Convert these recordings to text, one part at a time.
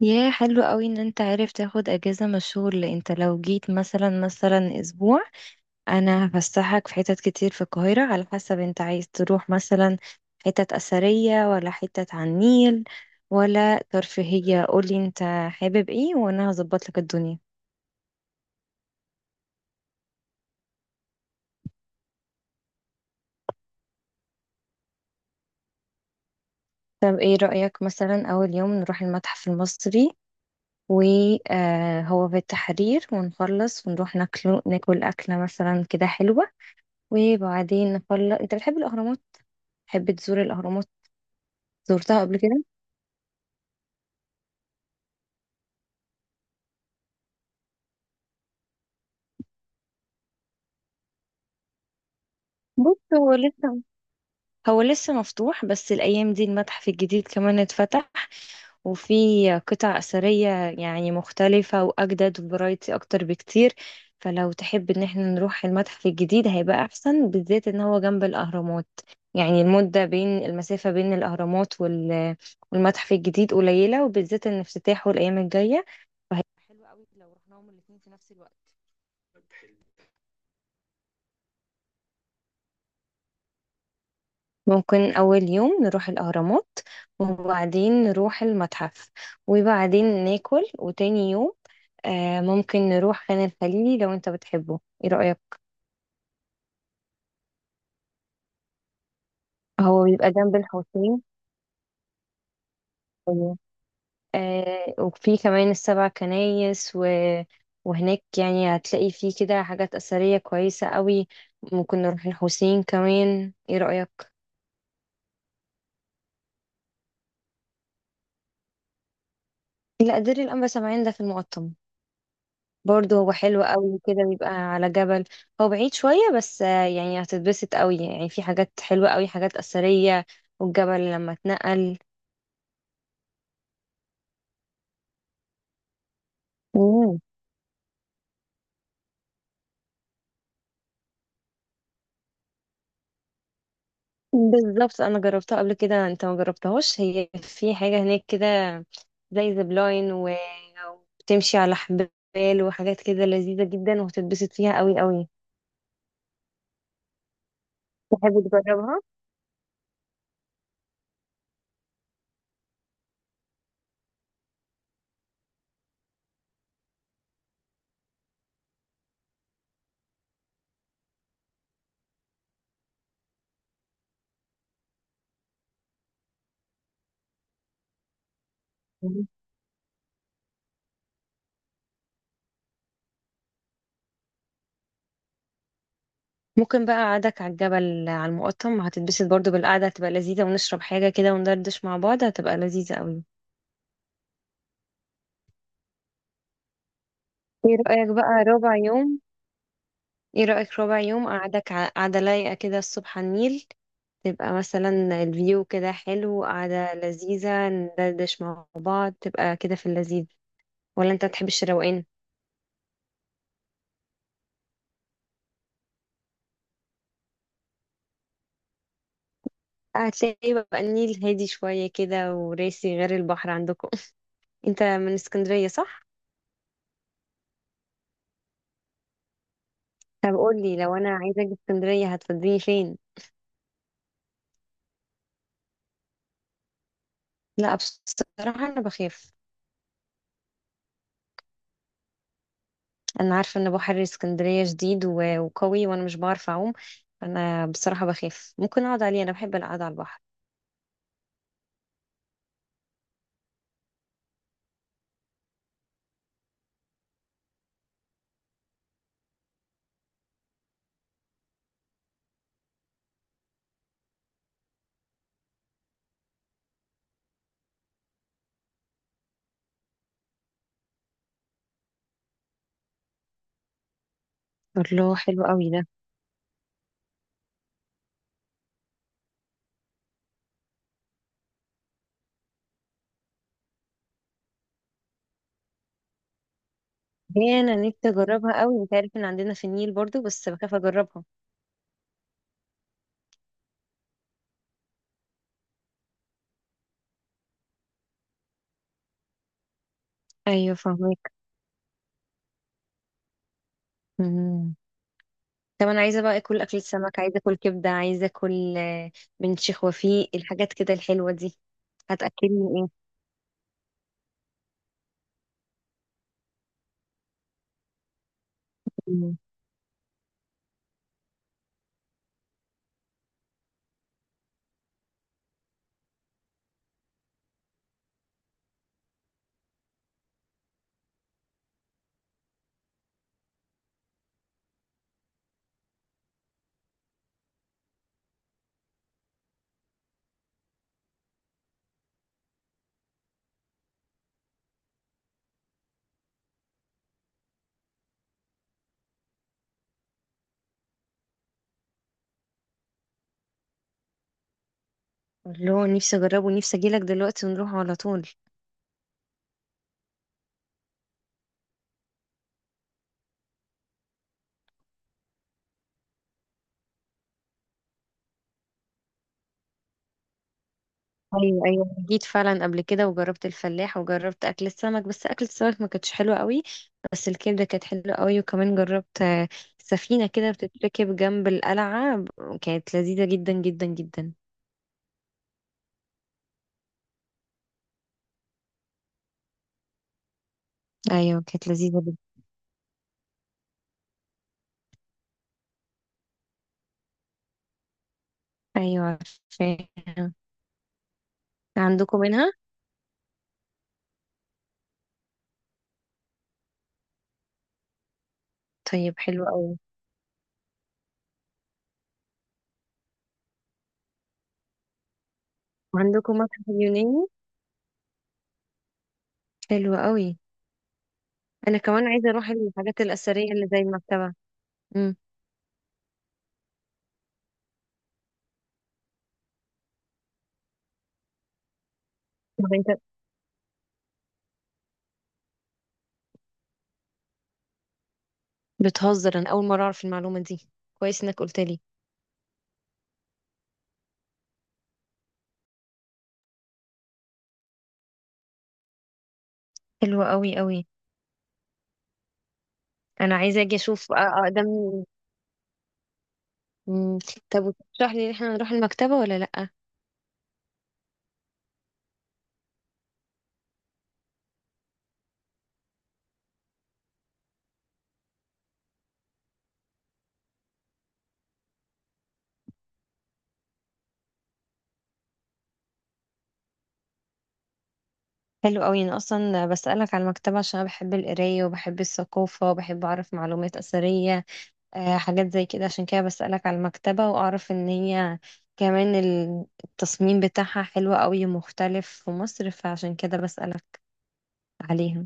يا حلو قوي ان انت عارف تاخد اجازة من الشغل. انت لو جيت مثلا اسبوع، انا هفسحك في حتت كتير في القاهرة على حسب انت عايز تروح، مثلا حتت اثرية ولا حتت على النيل ولا ترفيهية. قولي انت حابب ايه وانا هظبط لك الدنيا. طب ايه رأيك مثلا اول يوم نروح المتحف المصري، وهو في التحرير، ونخلص ونروح ناكل أكلة مثلا كده حلوة، وبعدين نخلص. انت بتحب الأهرامات؟ تحب تزور الأهرامات؟ زرتها قبل كده؟ بص هو لسه مفتوح، بس الأيام دي المتحف الجديد كمان اتفتح، وفي قطع أثرية يعني مختلفة وأجدد وفرايتي أكتر بكتير. فلو تحب إن احنا نروح المتحف الجديد هيبقى أحسن، بالذات إن هو جنب الأهرامات. يعني المدة بين المسافة بين الأهرامات والمتحف الجديد قليلة، وبالذات إن افتتاحه الأيام الجاية، فهيبقى حلو قوي لو رحناهم الاتنين في نفس الوقت. ممكن أول يوم نروح الأهرامات وبعدين نروح المتحف وبعدين ناكل، وتاني يوم ممكن نروح خان الخليلي لو أنت بتحبه. إيه رأيك؟ هو بيبقى جنب الحسين. أيوة. آه، وفي كمان السبع كنايس وهناك يعني هتلاقي فيه كده حاجات أثرية كويسة قوي. ممكن نروح الحسين كمان، إيه رأيك؟ لا، دير الأنبا سمعان ده في المقطم. برضه هو حلو قوي، كده بيبقى على جبل. هو بعيد شوية بس يعني هتتبسط قوي، يعني في حاجات حلوة قوي، حاجات أثرية، والجبل لما اتنقل. مم. بالظبط، أنا جربتها قبل كده. أنت ما جربتهاش؟ هي في حاجة هناك كده زي زبلاين وبتمشي على حبال وحاجات كده لذيذة جدا، وهتتبسط فيها قوي قوي. تحب تجربها؟ مم. ممكن بقى قعدك على الجبل على المقطم هتتبسط برضو، بالقعدة هتبقى لذيذة، ونشرب حاجة كده وندردش مع بعض، هتبقى لذيذة قوي. ايه رأيك بقى ربع يوم؟ ايه رأيك ربع يوم قعدة لايقة كده الصبح على النيل، تبقى مثلا الفيو كده حلو، قعدة لذيذة، ندردش مع بعض، تبقى كده في اللذيذ. ولا انت تحبش الروقان؟ هتلاقي بقى النيل هادي شوية كده وراسي، غير البحر عندكم انت من اسكندرية صح؟ طب قولي لو انا عايزة اجي اسكندرية هتفضلني فين؟ لا بصراحة انا بخاف. انا عارفه ان بحر اسكندريه جديد وقوي، وانا مش بعرف اعوم. انا بصراحه بخاف. ممكن اقعد عليه، انا بحب القعده على البحر. الله، حلو قوي ده. هي انا نفسي اجربها قوي. انت عارف ان عندنا في النيل برضو، بس بخاف اجربها. ايوه فاهمك. مم. طب انا عايزه بقى اكل، اكل سمك، عايزه اكل كبده، عايزه اكل آه، من شيخ وفيق، الحاجات كده الحلوه دي. هتاكلني ايه؟ مم. الله، نفسي اجربه، نفسي اجيلك دلوقتي ونروح على طول. ايوه ايوه، جيت فعلا قبل كده وجربت الفلاح، وجربت اكل السمك بس اكل السمك ما كانتش حلوه قوي، بس الكبده كانت حلوه قوي. وكمان جربت آه، سفينه كده بتتركب جنب القلعه كانت لذيذه جدا جدا جدا. ايوه كانت لذيذه جدا. ايوه عارفاها. عندكم منها؟ طيب حلو قوي. وعندكم متحف اليوناني؟ حلو قوي. انا كمان عايزه اروح الحاجات الاثريه اللي زي المكتبه. امم، طب انت بتهزر، انا اول مره اعرف المعلومه دي. كويس انك قلت لي. حلوه قوي قوي، انا عايزه اجي اشوف اقدم. مم. طب وتشرح لي ان احنا نروح المكتبه ولا لا؟ حلو قوي. انا اصلا بسالك على المكتبه عشان انا بحب القرايه وبحب الثقافه وبحب اعرف معلومات اثريه، آه، حاجات زي كده، عشان كده بسالك على المكتبه. واعرف ان هي كمان التصميم بتاعها حلو قوي ومختلف في مصر، فعشان كده بسالك عليها.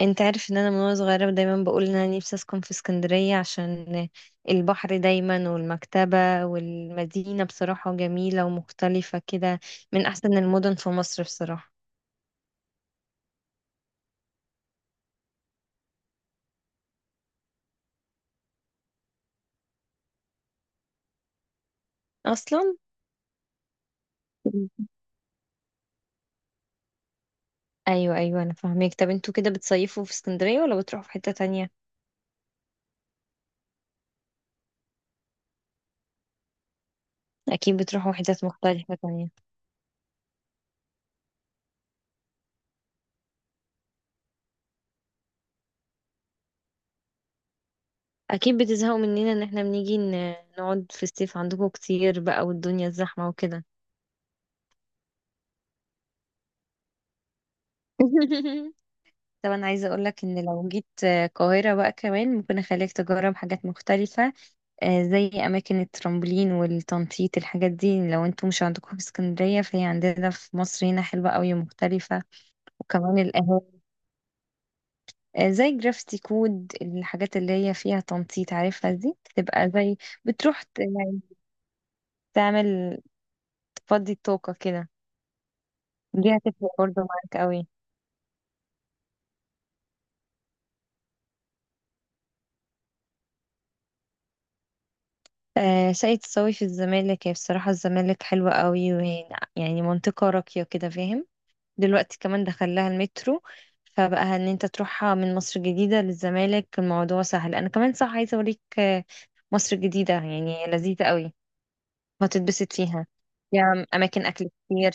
انت عارف ان انا من وانا صغيرة دايما بقول ان انا نفسي اسكن في اسكندرية، عشان البحر دايما والمكتبة، والمدينة بصراحة جميلة ومختلفة كده، من احسن المدن في مصر بصراحة. اصلا مم، ايوه ايوه، انا فاهمك. طب انتوا كده بتصيفوا في اسكندرية ولا بتروحوا في حتة تانية؟ اكيد بتروحوا حتت مختلفة تانية. اكيد بتزهقوا مننا ان احنا نقعد في الصيف عندكم كتير بقى، والدنيا الزحمة وكده. طب انا عايزه اقول لك ان لو جيت آه، القاهره بقى، كمان ممكن اخليك تجرب حاجات مختلفه، آه، زي اماكن الترامبولين والتنطيط. الحاجات دي لو انتوا مش عندكم في اسكندريه، فهي عندنا في مصر هنا حلوه قوي مختلفه. وكمان القهاوي، آه، زي جرافيتي كود، الحاجات اللي هي فيها تنطيط، عارفها دي، تبقى زي يعني تعمل، تفضي الطاقه كده، دي هتفرق برضه معاك قوي. آه، شقة صاوي في الزمالك، هي بصراحة الزمالك حلوة قوي، وهي يعني منطقة راقية كده، فاهم؟ دلوقتي كمان دخل لها المترو، فبقى ان انت تروحها من مصر الجديدة للزمالك الموضوع سهل. انا كمان صح عايزة اوريك آه، مصر الجديدة، يعني لذيذة قوي، هتتبسط فيها، فيها اماكن اكل كتير.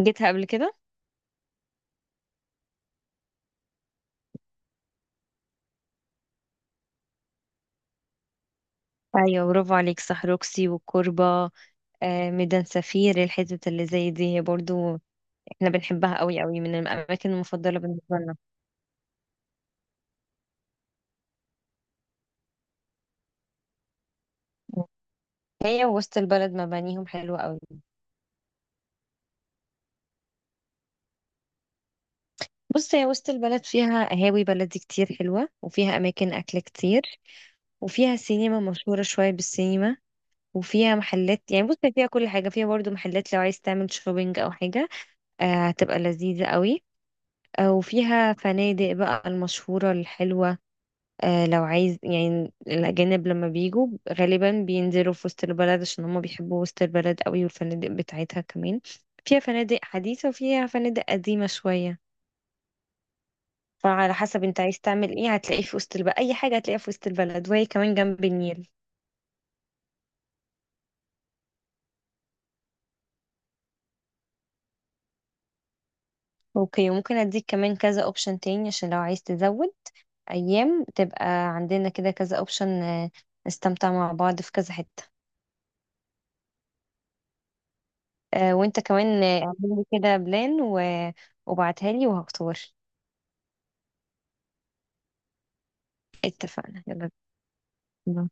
جيتها قبل كده؟ ايوه، برافو عليك، صح، روكسي والكوربة، آه، ميدان سفير، الحتت اللي زي دي برضو احنا بنحبها قوي قوي، من الاماكن المفضلة بالنسبة لنا. هي وسط البلد مبانيهم حلوة قوي. بص هي وسط البلد فيها قهاوي بلدي كتير حلوة، وفيها أماكن أكل كتير، وفيها سينما مشهورة، شوية بالسينما، وفيها محلات. يعني بص هي فيها كل حاجة، فيها برضو محلات لو عايز تعمل شوبينج أو حاجة، آه، هتبقى لذيذة قوي. آه، وفيها فنادق بقى المشهورة الحلوة، آه، لو عايز. يعني الأجانب لما بيجوا غالبا بينزلوا في وسط البلد عشان هما بيحبوا وسط البلد قوي، والفنادق بتاعتها كمان فيها فنادق حديثة وفيها فنادق قديمة شوية. فعلى حسب انت عايز تعمل ايه هتلاقيه في وسط البلد، اي حاجة هتلاقيها في وسط البلد، وهي كمان جنب النيل. اوكي، وممكن اديك كمان كذا اوبشن تاني، عشان لو عايز تزود ايام تبقى عندنا كده كذا اوبشن، نستمتع مع بعض في كذا حتة. آه، وانت كمان آه، اعمل لي كده بلان وبعتها لي وهختار. اتفقنا، يلا بينا.